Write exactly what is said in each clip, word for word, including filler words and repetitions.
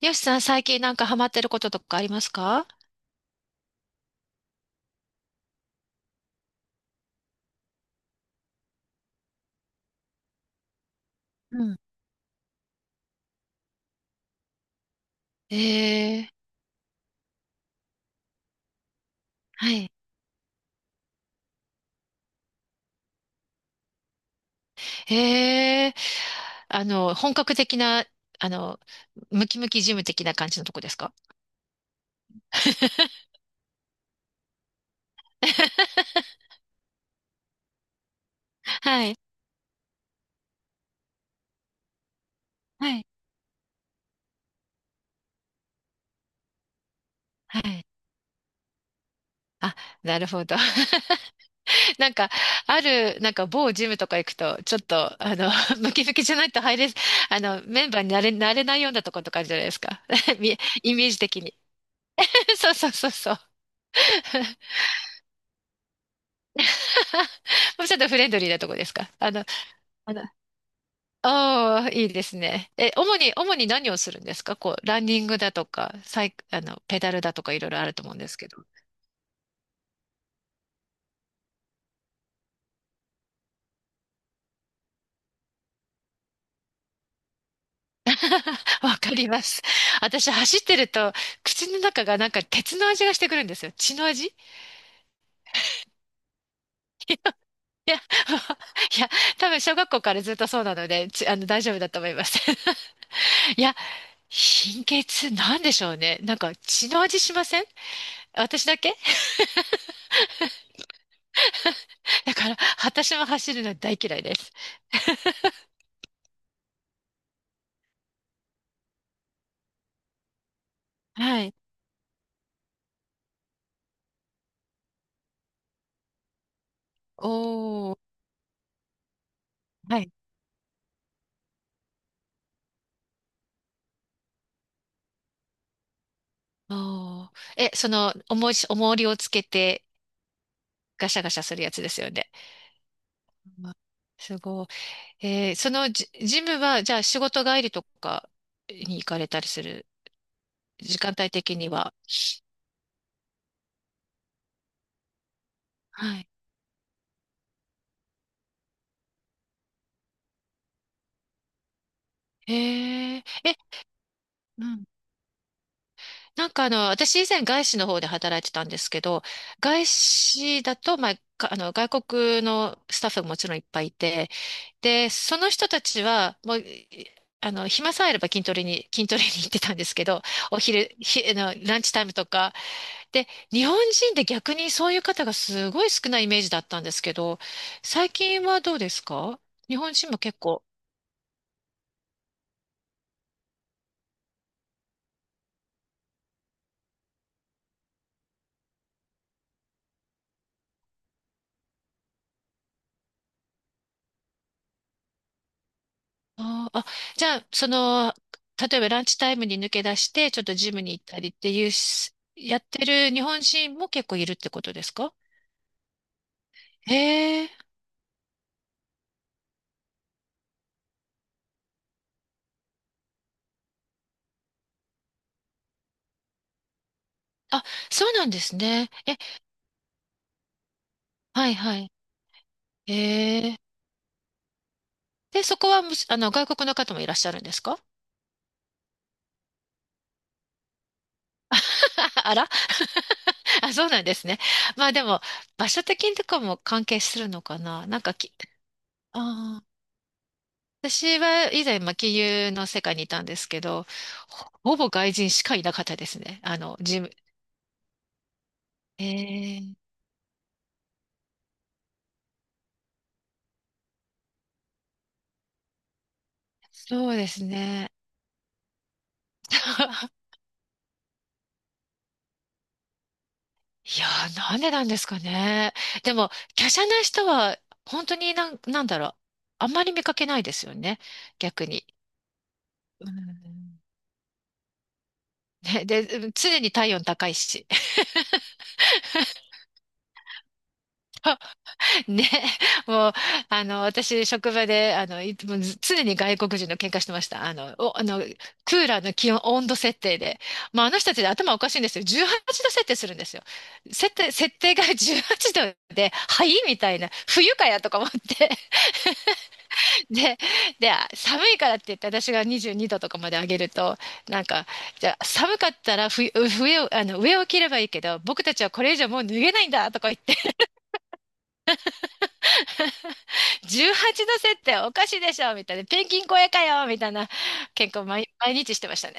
よしさん、最近なんかハマってることとかありますか？うん。ええ。はい。ええ。あの、本格的な、あの、ムキムキジム的な感じのとこですか？ はい。はい。はい。あ、なるほど。なんか、ある、なんか某ジムとか行くと、ちょっと、あの、ムキムキじゃないと入れ、あの、メンバーになれ、なれないようなとことかあるじゃないですか。み、イメージ的に。そうそうそうそう。もうちょっとフレンドリーなとこですか？あの、あの、ああ、いいですね。え、主に、主に何をするんですか？こう、ランニングだとか、サイク、あの、ペダルだとかいろいろあると思うんですけど。わかります。私、走ってると、口の中がなんか鉄の味がしてくるんですよ。血の味。いや、いや、多分小学校からずっとそうなので、ちあの、大丈夫だと思います。いや、貧血なんでしょうね。なんか血の味しません？私だけ？だから、私も走るの大嫌いです。はい。おー。はい。おー。え、その、重いし、重りをつけて、ガシャガシャするやつですよね。うん、すごい。えーそのジ、ジムは、じゃあ仕事帰りとかに行かれたりする、時間帯的には。はい。へえ。え、うん。なんかあの、私以前外資の方で働いてたんですけど、外資だと、まあ、かあの、外国のスタッフももちろんいっぱいいて、で、その人たちは、もう、いあの、暇さえあれば筋トレに、筋トレに行ってたんですけど、お昼、ひ、あの、ランチタイムとか。で、日本人で逆にそういう方がすごい少ないイメージだったんですけど、最近はどうですか？日本人も結構。あー、あじゃあ、その、例えばランチタイムに抜け出して、ちょっとジムに行ったりっていうし、やってる日本人も結構いるってことですか？へえ。あ、そうなんですね。え、はいはい。へえ。で、そこはむし、あの、外国の方もいらっしゃるんですか？ あら。 あ、そうなんですね。まあでも、場所的にとかも関係するのかな、なんかき、あー、私は以前、まあ、金融の世界にいたんですけど、ほ、ほぼ外人しかいなかったですね。あの、事務、えー、そうですね。いやー、なんでなんですかね。でも、華奢な人は、本当になん、なんだろう。あんまり見かけないですよね。逆に。うん、ね、で、うん、常に体温高いし。ね。もう、あの、私、職場で、あの、いつもず常に外国人の喧嘩してました。あの、お、あの、クーラーの気温、温度設定で。まあ、あの人たちで頭おかしいんですよ。じゅうはちど設定するんですよ。設定、設定が じゅうはちどで、はいみたいな。冬かやとか思って。で、で、寒いからって言って、私がにじゅうにどとかまで上げると、なんか、じゃあ寒かったら冬、冬あの、上を着ればいいけど、僕たちはこれ以上もう脱げないんだとか言って。じゅうはちど設定おかしいでしょみたいな。ペンギン超えかよみたいな。結構毎、毎日してましたね。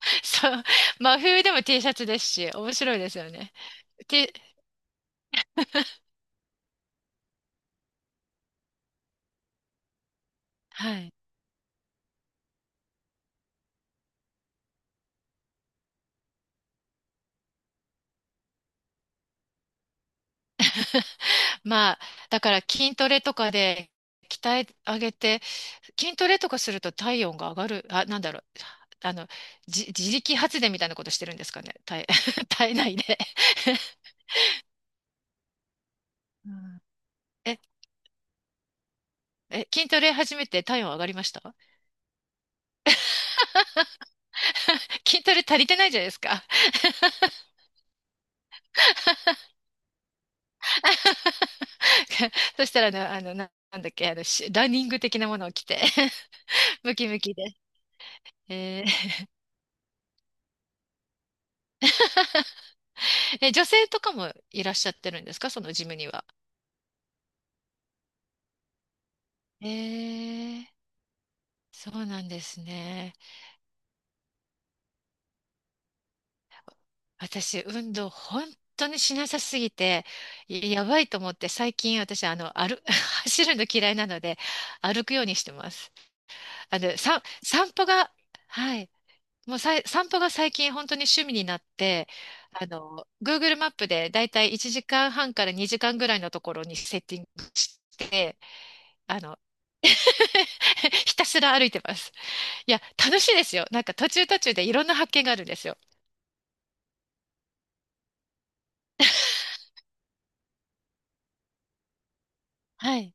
そう。真冬でも T シャツですし、面白いですよね。T、はい。まあ、だから筋トレとかで鍛え上げて、筋トレとかすると体温が上がる、あ、なんだろう、あの、じ、自力発電みたいなことしてるんですかね、体、体内で。うん。 え、え、筋トレ始めて体温上がりました？ 筋トレ足りてないじゃないですか。そしたらね、あの、な、なんだっけ、あの、しランニング的なものを着て ムキムキで。えー、え、女性とかもいらっしゃってるんですかそのジムには？えー、そうなんですね。私、運動本当にしなさすぎて、いやばいと思って、最近私、あの、歩、走るの嫌いなので、歩くようにしてます。あの、さ、散歩が、はい、もうさい、散歩が最近本当に趣味になって、あの、Google マップでだいたいいちじかんはんからにじかんぐらいのところにセッティングして、あの、ひたすら歩いてます。いや、楽しいですよ。なんか途中途中でいろんな発見があるんですよ。はい。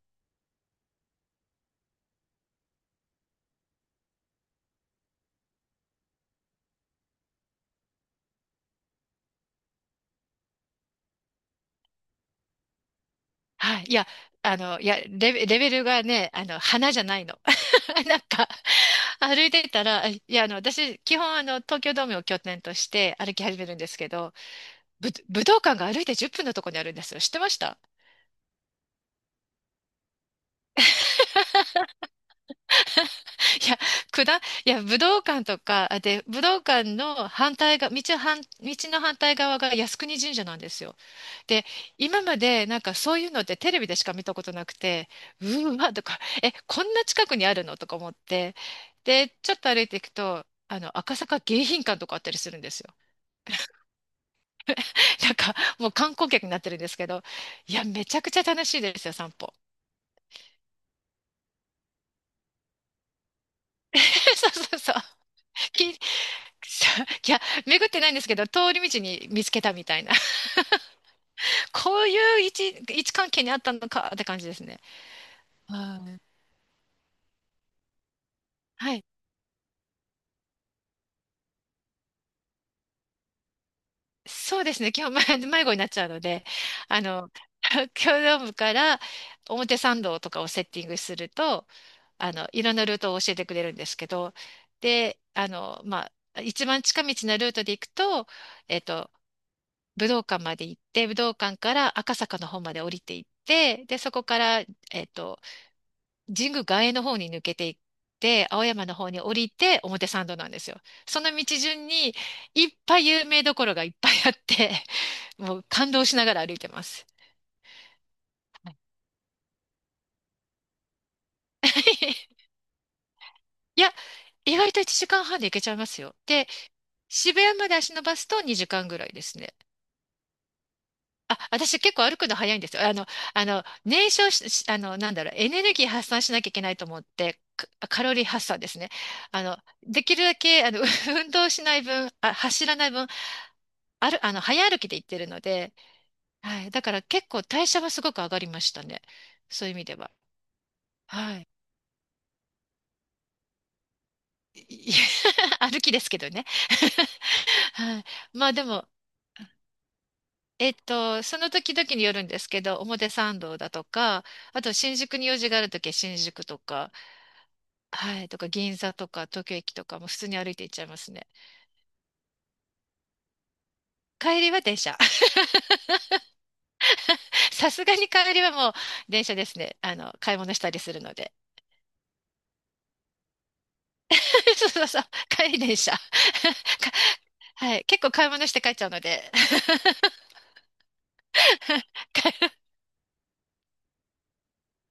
はい。いや、あの、いや、レベ、レベルがね、あの、花じゃないの。なんか、歩いてたら、いや、あの、私、基本、あの、東京ドームを拠点として歩き始めるんですけど、ぶ、武道館が歩いてじゅっぷんのところにあるんですよ。知ってました？いや、くだ、いや、武道館とか、あで、武道館の反対が、道反、道の反対側が靖国神社なんですよ。で、今までなんかそういうのってテレビでしか見たことなくて、うーわ、とか、え、こんな近くにあるのとか思って、で、ちょっと歩いていくと、あの、赤坂迎賓館とかあったりするんですよ。なんか、もう観光客になってるんですけど、いや、めちゃくちゃ楽しいですよ、散歩。そうそうそう。き、いや、巡ってないんですけど、通り道に見つけたみたいな。こういう位置、位置関係にあったのかって感じですね。はい。はい。そうですね。基本迷迷子になっちゃうので、あの、東京ドームから表参道とかをセッティングすると、あの、いろんなルートを教えてくれるんですけど、で、あの、まあ、一番近道なルートで行くと、えっと、武道館まで行って、武道館から赤坂の方まで降りていって、で、そこから、えっと、神宮外苑の方に抜けていって、青山の方に降りて表参道なんですよ。その道順にいっぱい有名どころがいっぱいあって、もう感動しながら歩いてます。はい。 いや、意外といちじかんはんで行けちゃいますよ。で、渋谷まで足伸ばすとにじかんぐらいですね。あ、私結構歩くの早いんですよ。あの、あの、燃焼し、しあの、なんだろう、エネルギー発散しなきゃいけないと思って、カカロリー発散ですね。あの、できるだけ、あの、運動しない分、あ、走らない分、ある、あの、早歩きで行ってるので、はい。だから結構代謝はすごく上がりましたね。そういう意味では。はい。い 歩きですけどね。はい。まあでも、えっと、その時々によるんですけど、表参道だとか、あと新宿に用事がある時は新宿とか、はい、とか銀座とか東京駅とかも普通に歩いて行っちゃいますね。帰りは電車。さすがに帰りはもう電車ですね。あの、買い物したりするので。そうそうそう。帰り電車。か、はい、結構買い物して帰っちゃうので。